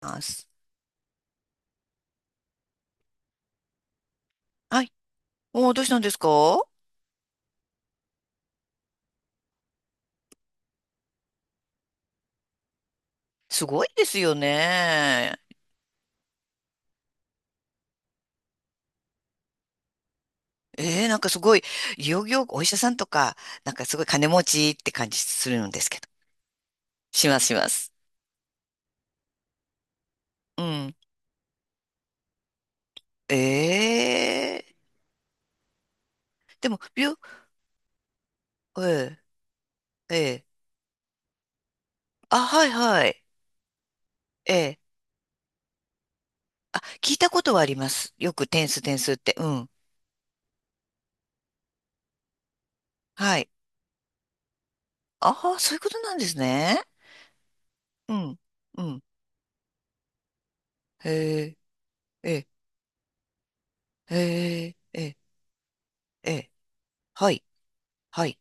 ます。はい。おー、どうしたんですか？すごいですよね。なんかすごい、いよいよお医者さんとか、なんかすごい金持ちって感じするんですけど。します、します。うん。えでも、病、ええええ、あ、はい、はい。ええ、あ、聞いたことはあります。よく点数、点数って。うん。はい。ああ、そういうことなんですね。うん。うん。へえ、ええ、へえ、ええ、ええ、はい、はい、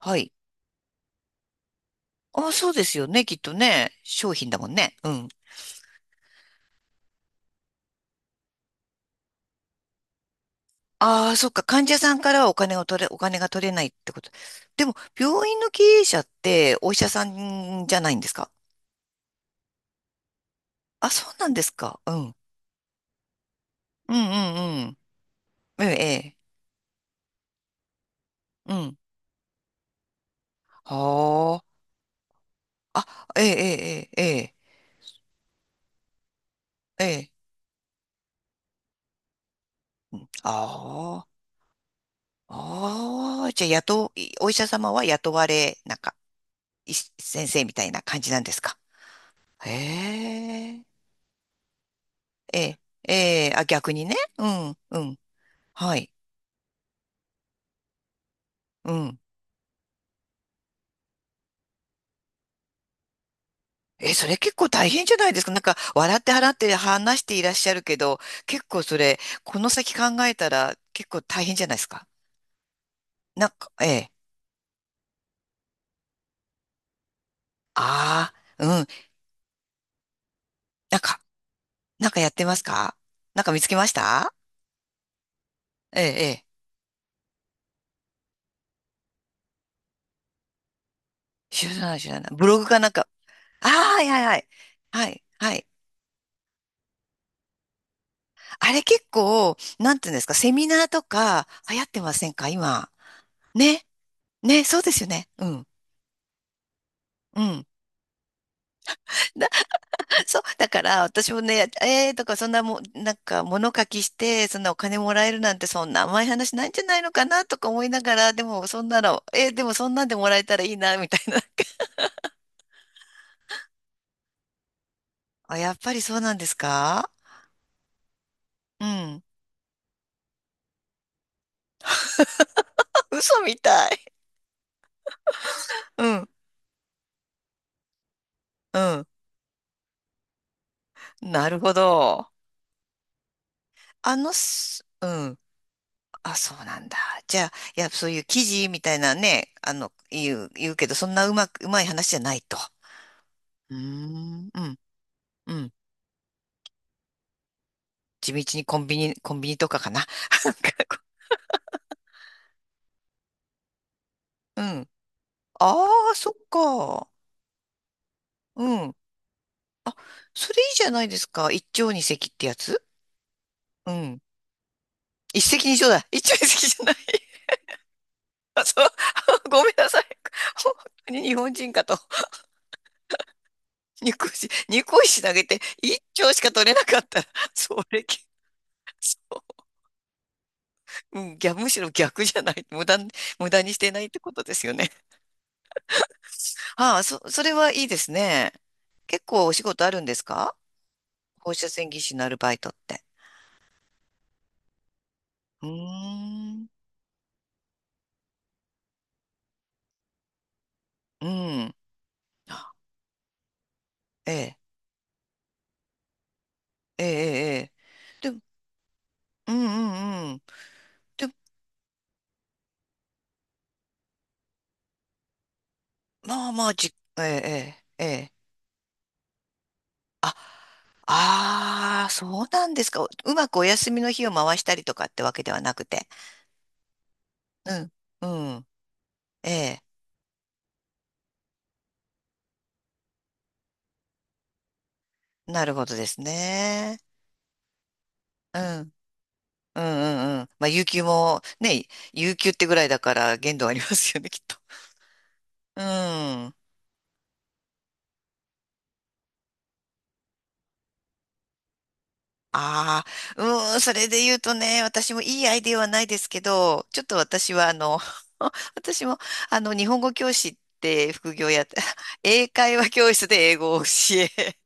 はい。あ、そうですよね、きっとね。商品だもんね。うん。ああ、そっか。患者さんからはお金を取れ、お金が取れないってこと。でも、病院の経営者ってお医者さんじゃないんですか？あ、そうなんですか。うん。うんうんうん。ええ、ええ。うん。はあ。あ、ええ、ええ、ええ、ええ。ええ、ああ。ああ。じゃあ、雇う、お医者様は雇われ、なんか、い先生みたいな感じなんですか？へえ。ええ、ええ、あ、逆にね。うん、うん。はい。うん。え、それ結構大変じゃないですか。なんか、笑って払って話していらっしゃるけど、結構それ、この先考えたら結構大変じゃないですか。なんか、ええ。ああ、うん。なんか、なんかやってますか？なんか見つけました？ええ、ええ。知らない、知らない。ブログかなんか。ああ、はいはいはい。はい、はい。あれ結構、なんていうんですか、セミナーとか流行ってませんか今？ね。ね、そうですよね。うん。うん。そう、だから私もね、えーとかそんなもん、なんか物書きして、そんなお金もらえるなんてそんな甘い話ないんじゃないのかなとか思いながら、でもそんなの、でもそんなんでもらえたらいいな、みたいな。あ、やっぱりそうなんですか？うん。嘘みたい。うん、うん。なるほど。あのす、うん。あ、そうなんだ。じゃあ、いや、そういう記事みたいなね、あの、言うけど、そんなうまく、うまい話じゃないと。うーん、うん、うん。地道にコンビニ、コンビニとかかな。なんかこう、うん。ああ、そっか。うん。それいいじゃないですか。一丁二石ってやつ？うん。一石二鳥だ。一丁二石じゃない。あ、そう。ごめんなさい。本当に日本人かと。二個石、二個石投げて一丁しか取れなかったら、それ、うん、逆、むしろ逆じゃない。無駄、無駄にしてないってことですよね。ああ、そ、それはいいですね。結構お仕事あるんですか？放射線技師のアルバイトって。うーん。うん。あ、ええ、ええ、ええ。ええ、でも、うんうんうん。で、まあまあ、じ、ええ、ええ、ええ。あ、ああ、そうなんですか。うまくお休みの日を回したりとかってわけではなくて。うん、うん。ええ、なるほどですね。うん、うん、うん、うん。まあ、有給もね、有給ってぐらいだから限度ありますよね、きっと。うん。ああ、うーん、それで言うとね、私もいいアイデアはないですけど、ちょっと私はあの、私もあの、日本語教師って副業やって、英会話教室で英語を教え、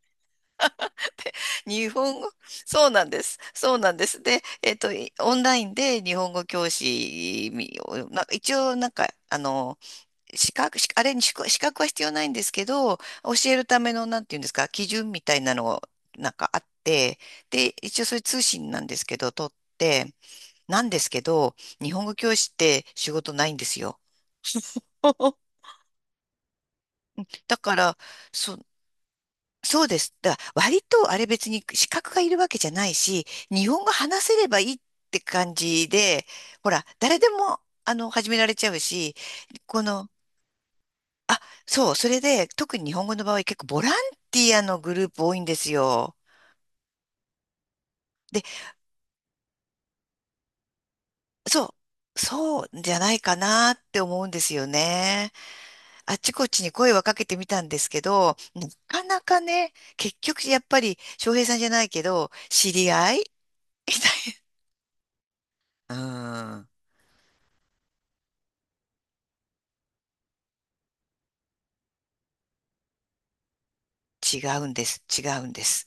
日本語、そうなんです。そうなんです。で、いオンラインで日本語教師みを、なんか一応なんか、あの、資格、しあれに資格は必要ないんですけど、教えるための、なんていうんですか、基準みたいなのを、なんかあって、で、一応そういう通信なんですけど、取って、なんですけど、日本語教師って仕事ないんですよ。だから、そ、そうです。だから割とあれ別に資格がいるわけじゃないし、日本語話せればいいって感じで、ほら、誰でも、あの、始められちゃうし、この、あ、そう、それで、特に日本語の場合結構ボランティアのグループ多いんですよ。で、そう、そうじゃないかなって思うんですよね。あっちこっちに声はかけてみたんですけど、なかなかね、結局やっぱり翔平さんじゃないけど、知り合い みたいな。うーん、違うんです、違うんです。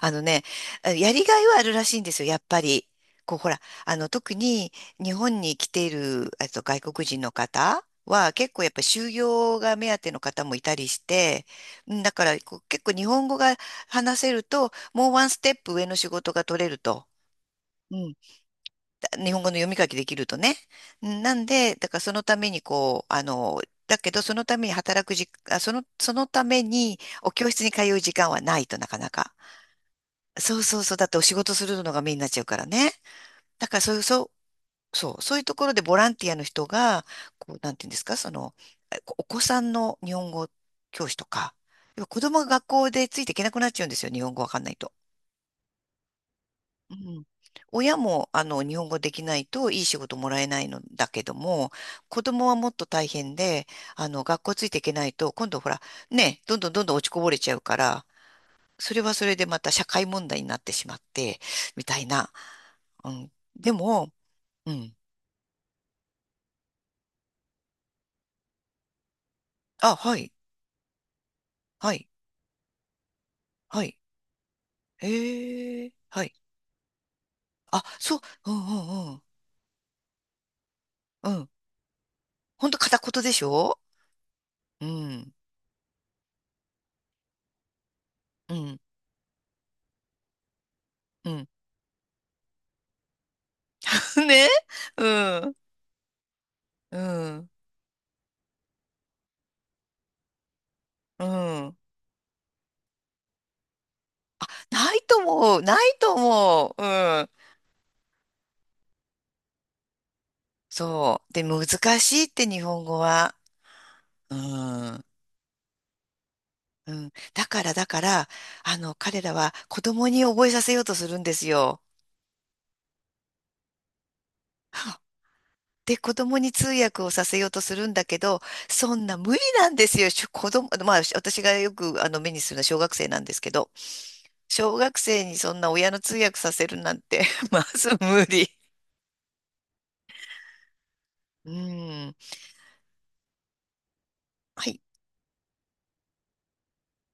あのね、やりがいはあるらしいんですよ、やっぱり。こう、ほら、あの、特に日本に来ている、外国人の方は、結構やっぱ就業が目当ての方もいたりして、うん、だからこう結構日本語が話せると、もうワンステップ上の仕事が取れると。うん、だ日本語の読み書きできるとね。うん、なんで、だからそのためにこう、あの、だけどそのために働くじ、あ、その、そのためにお教室に通う時間はないとなかなか。そうそうそう。だってお仕事するのがメインになっちゃうからね。だからそういう、そう、そう、そういうところでボランティアの人が、こう、なんていうんですか、その、えこお子さんの日本語教師とか、要は子供が学校でついていけなくなっちゃうんですよ、日本語わかんないと。うん。親も、あの、日本語できないといい仕事もらえないのだけども、子供はもっと大変で、あの、学校ついていけないと、今度ほら、ね、どんどんどんどん落ちこぼれちゃうから、それはそれでまた社会問題になってしまって、みたいな。うん。でも、うん。あ、はい、はい、はい。ええ、はい。あ、そう、うんうんうん。うん。ほんと片言でしょ？うん、うん、うん。ね、うん、うん、うん。ないと思う、ないと思う。うん。そう。で、難しいって日本語は。うん。うん。だから、あの、彼らは子供に覚えさせようとするんですよ。で、子供に通訳をさせようとするんだけど、そんな無理なんですよ。しょ子供、まあ、し私がよくあの目にするのは小学生なんですけど、小学生にそんな親の通訳させるなんて まず無理。うん。はい。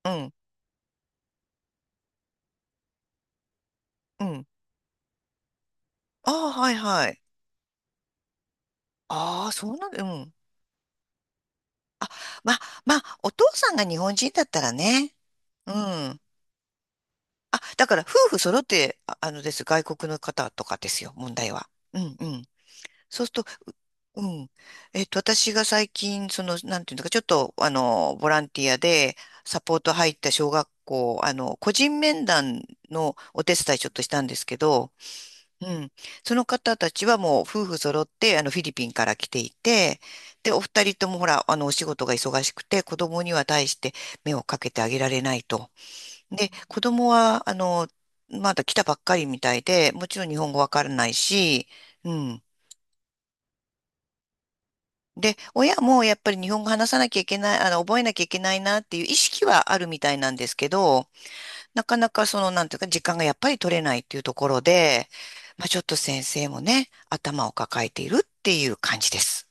うん。うん。ああ、はいはい。ああ、そうなんだ。うん。あ、まあ、まあ、お父さんが日本人だったらね。うん。あ、だから夫婦揃って、ああのです、外国の方とかですよ、問題は。うんうん。そうすると、うん。私が最近、その、なんていうのか、ちょっと、あの、ボランティアでサポート入った小学校、あの、個人面談のお手伝いちょっとしたんですけど、うん。その方たちはもう夫婦揃って、あの、フィリピンから来ていて、で、お二人ともほら、あの、お仕事が忙しくて、子供には対して目をかけてあげられないと。で、子供は、あの、まだ来たばっかりみたいで、もちろん日本語わからないし、うん。で、親もやっぱり日本語話さなきゃいけない、あの、覚えなきゃいけないなっていう意識はあるみたいなんですけど、なかなかその、なんていうか、時間がやっぱり取れないっていうところで、まあ、ちょっと先生もね、頭を抱えているっていう感じです。